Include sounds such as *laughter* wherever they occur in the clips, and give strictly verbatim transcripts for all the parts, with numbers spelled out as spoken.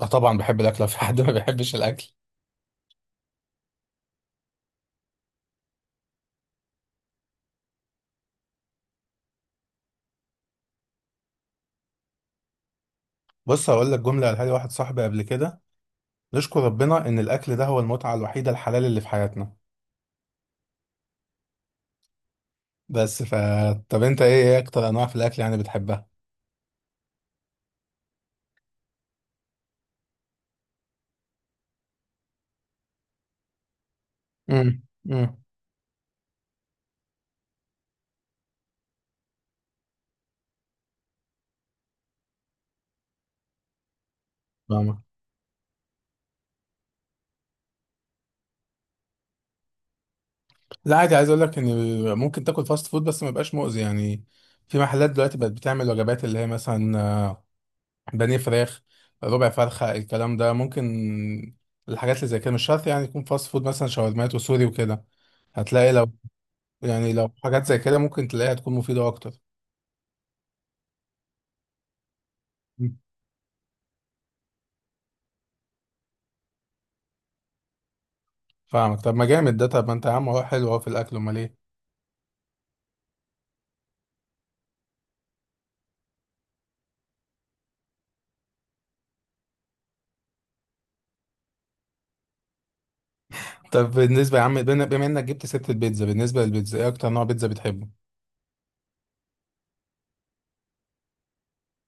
اه، طبعا بحب الاكل. لو في حد ما بيحبش الاكل. بص، هقول لك جمله قالها لي واحد صاحبي قبل كده. نشكر ربنا ان الاكل ده هو المتعه الوحيده الحلال اللي في حياتنا. بس ف طب انت ايه ايه اكتر انواع في الاكل يعني بتحبها؟ امم. امم. فاهمك. لا عادي، عايز اقول لك ان ممكن تاكل فاست فود بس ما يبقاش مؤذي يعني. في محلات دلوقتي بقت بتعمل وجبات اللي هي مثلا آه، بانيه فراخ، ربع فرخه، الكلام ده ممكن. الحاجات اللي زي كده مش شرط يعني يكون فاست فود، مثلا شاورمات وسوري وكده. هتلاقي لو يعني لو حاجات زي كده ممكن تلاقيها تكون مفيدة أكتر. مم. فاهمك. طب ما جامد ده. طب ما أنت يا عم، هو حلو أهو في الأكل، أمال إيه؟ طب بالنسبة يا عم، بما بما إنك جبت سيرة البيتزا، بالنسبة للبيتزا إيه أكتر نوع بيتزا بتحبه؟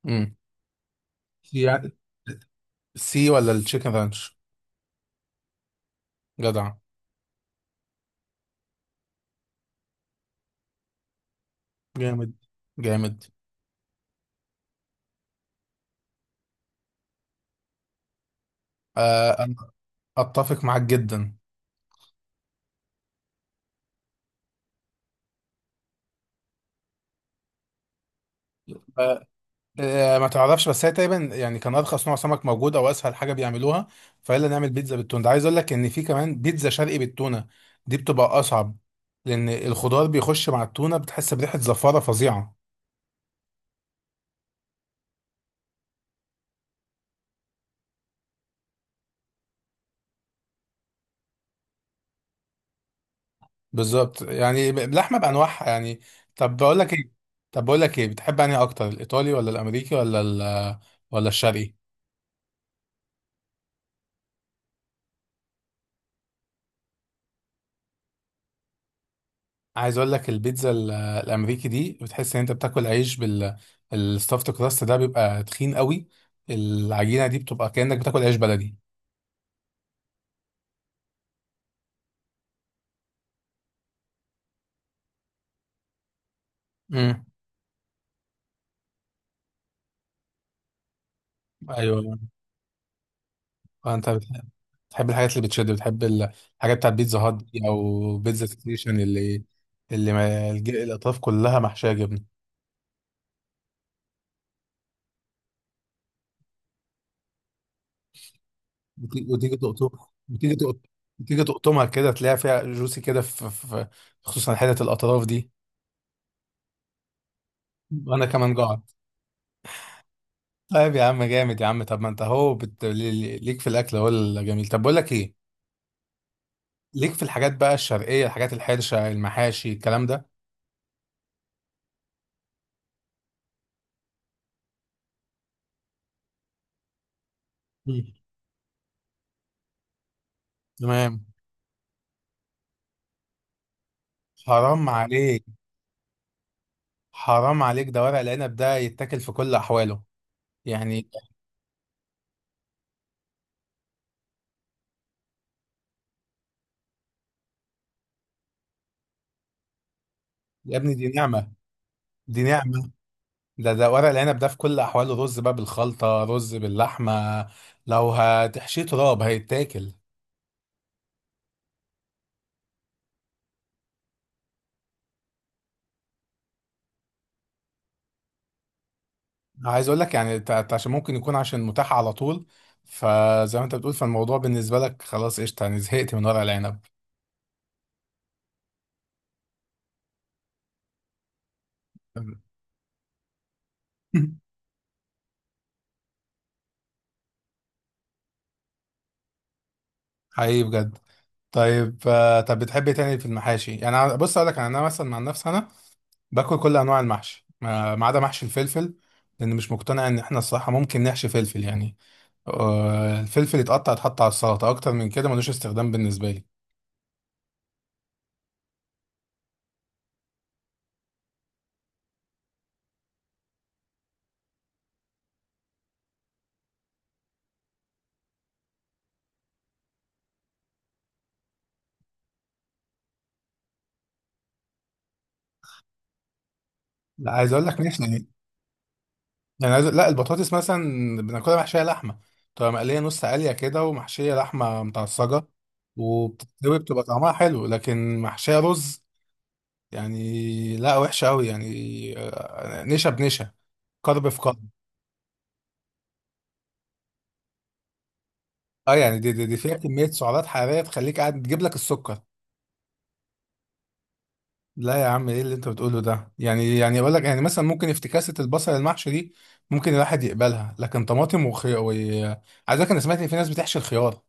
امم. سي سي ولا التشيكن رانش؟ جدع. جامد جامد. آه أنا أتفق معاك جدا. آه، ما تعرفش، بس هي تقريبا يعني كان ارخص نوع سمك موجود او اسهل حاجه بيعملوها، فيلا نعمل بيتزا بالتونه. ده عايز اقول لك ان في كمان بيتزا شرقي بالتونه، دي بتبقى اصعب لان الخضار بيخش مع التونه بتحس بريحه زفاره فظيعه. بالظبط، يعني اللحمه بانواعها يعني. طب بقول لك ايه طب بقول لك ايه، بتحب انهي اكتر، الايطالي ولا الامريكي ولا ال- ولا الشرقي؟ عايز اقول لك البيتزا ال- الامريكي دي بتحس ان انت بتاكل عيش بال الستافت كراست ده بيبقى تخين قوي، العجينه دي بتبقى كانك بتاكل عيش بلدي. امم. ايوه. انت بتح- بتحب الحاجات اللي بتشد، بتحب ال- الحاجات بتاعت بيتزا هات دي او بيتزا ستيشن اللي اللي ما الج- الاطراف كلها محشيه جبنه. وتي- وتيجي تقطم. وتيجي تقط- وتيجي تقطمها كده تلاقي فيها جوسي كده في في- في- خصوصا حته الاطراف دي. وانا كمان جعان. طيب يا عم جامد يا عم. طب ما انت اهو بت... لي- لي- ليك في الاكل هو الجميل. طب بقول لك ايه، ليك في الحاجات بقى الشرقيه، الحاجات الحرشه، المحاشي الكلام ده. مم. تمام. حرام عليك. حرام عليك، ده ورق العنب ده يتاكل في كل احواله يعني. يا ابني دي نعمه. دي نعمه. ده ده ورق العنب ده في كل احواله، رز بقى بالخلطه، رز باللحمه. لو هتحشيه تراب هيتاكل. عايز اقول لك يعني ت- ت- عشان ممكن يكون عشان متاح على طول، فزي ما انت بتقول فالموضوع بالنسبه لك خلاص قشطه يعني، زهقت من ورق العنب. *laughs* حقيقي بجد. طيب، آه، طب بتحب إيه تاني في المحاشي؟ يعني أنا- بص اقول لك يعني انا مثلا مع نفسي، انا باكل كل انواع المحشي ما ما عدا محشي الفلفل. لان مش مقتنع ان احنا الصراحه ممكن نحشي فلفل يعني. آه، الفلفل يتقطع يتحط على السلطه، اكتر من كده ملوش استخدام بالنسبه لي. لا عايز اقول لك نحشي يعني، عايز لا البطاطس مثلا بناكلها محشيه لحمه، بتبقى مقليه نص قليه كده ومحشيه لحمه متعصجه، وبتتسوي بتبقى طعمها حلو. لكن محشيه رز يعني، لا وحشه قوي يعني. آه، نشا بنشا، كرب في كرب. اه يعني دي, دي, دي فيها كميه سعرات حراريه تخليك قاعد تجيب لك السكر. لا يا عم، ايه اللي انت بتقوله ده يعني، يعني اقول لك يعني مثلا، ممكن افتكاسه البصل المحشي دي ممكن الواحد يقبلها، لكن طماطم وخيار و... عايز اقول لك انا سمعت ان في ناس بتحشي الخيار.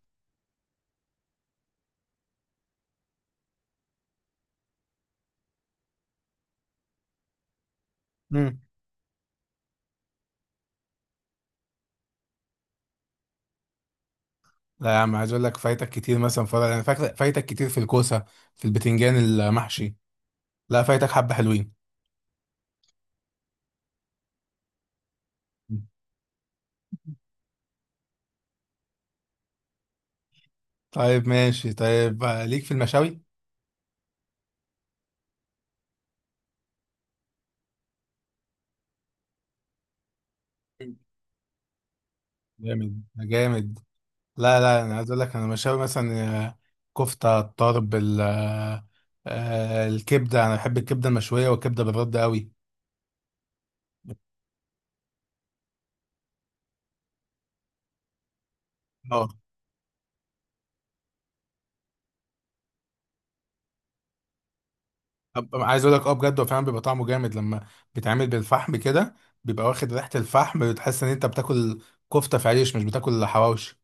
لا يا عم، عايز اقول لك فايتك كتير مثلا فرع، انا فاكر فايتك كتير في الكوسه، في البتنجان المحشي. لا فايتك حبه حلوين. طيب ماشي، طيب آه، ليك في المشاوي؟ جامد جامد. لا لا، انا عايز اقول لك انا مشاوي مثلا آه، كفته، الطرب ال- آه، آه، الكبده، انا بحب الكبده المشويه والكبده بالرد قوي. اه، أب- عايز اقول لك اه بجد، هو فعلا بيبقى طعمه جامد لما بيتعمل بالفحم كده، بيبقى واخد ريحه الفحم بتحس ان انت بتاكل كفته في عيش مش بتاكل حواوشي.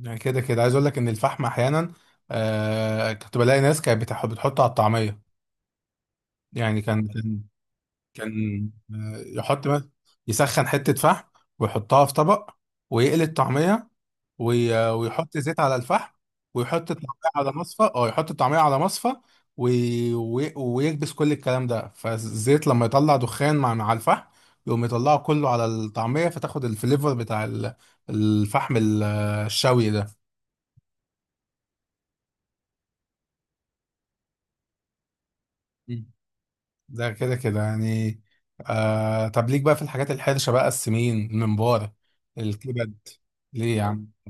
يعني كده كده، عايز اقول لك ان الفحم احيانا آه كنت بلاقي ناس كانت بتح- بتحطه على الطعميه. يعني كان كان كان آه يحط مث- يسخن حته فحم، ويحطها في طبق، ويقلي الطعميه، وي- ويحط زيت على الفحم، ويحط الطعميه على مصفى، اه يحط الطعميه على مصفى، وي- وي- ويكبس كل الكلام ده فالزيت، لما يطلع دخان مع مع الفحم، يقوم يطلعه كله على الطعميه، فتاخد الفليفر بتاع ال- الفحم ال- الشوي. ده ده كده كده يعني. آه طب ليك بقى في الحاجات الحرشة بقى، السمين، الممبار، الكبد؟ ليه يا لا عم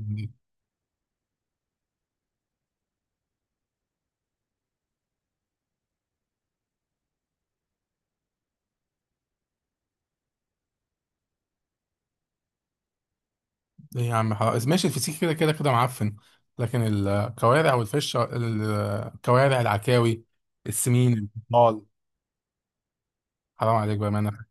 ليه يا عم، حرام، ماشي الفسيخ كده كده كده معفن، لكن الكوارع والفش، الكوارع، العكاوي، السمين البطال، حرام عليك بقى، ما انا.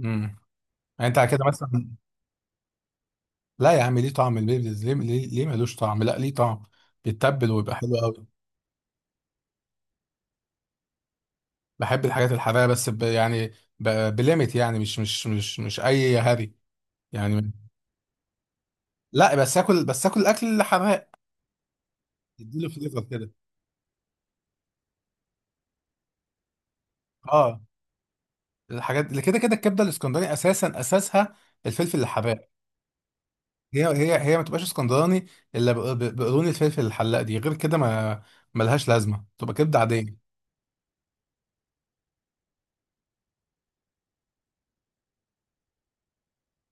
امم. يعني انت على كده مثلا، لا يا عم، ليه طعم البيبلز؟ ليه ليه, ليه ملوش طعم؟ لا، ليه طعم، بيتبل ويبقى حلو قوي. بحب الحاجات الحراقه، بس ب... يعني ب... بليمت يعني، مش مش مش مش اي هري يعني. لا بس اكل بس اكل اكل حراق يديله فليفر كده. اه الحاجات اللي كده كده، الكبده الاسكندراني اساسا اساسها الفلفل الحراق. هي هي هي ما تبقاش اسكندراني الا بق- بق- بقرون الفلفل الحلاق دي، غير كده ما ملهاش لازمه، تبقى كبده عاديه.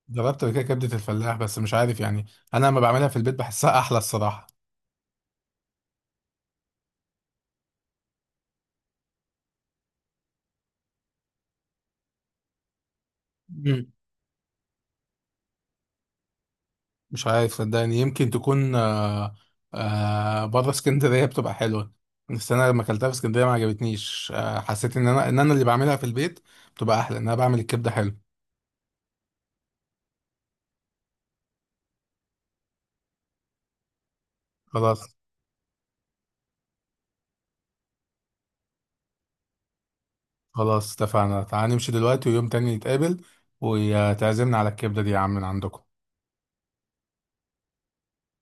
جربت قبل كده كبده الفلاح بس مش عارف يعني، انا لما بعملها في البيت بحسها احلى الصراحه. مش عارف صدقني، يمكن تكون آه آه بره اسكندريه بتبقى حلوه، بس انا لما اكلتها في اسكندريه ما عجبتنيش. آه حسيت ان انا ان انا اللي بعملها في البيت بتبقى احلى، ان انا بعمل الكبده حلو. خلاص. خلاص اتفقنا، تعال نمشي دلوقتي، ويوم تاني نتقابل وتعزمنا على الكبده دي يا عم من عندكم.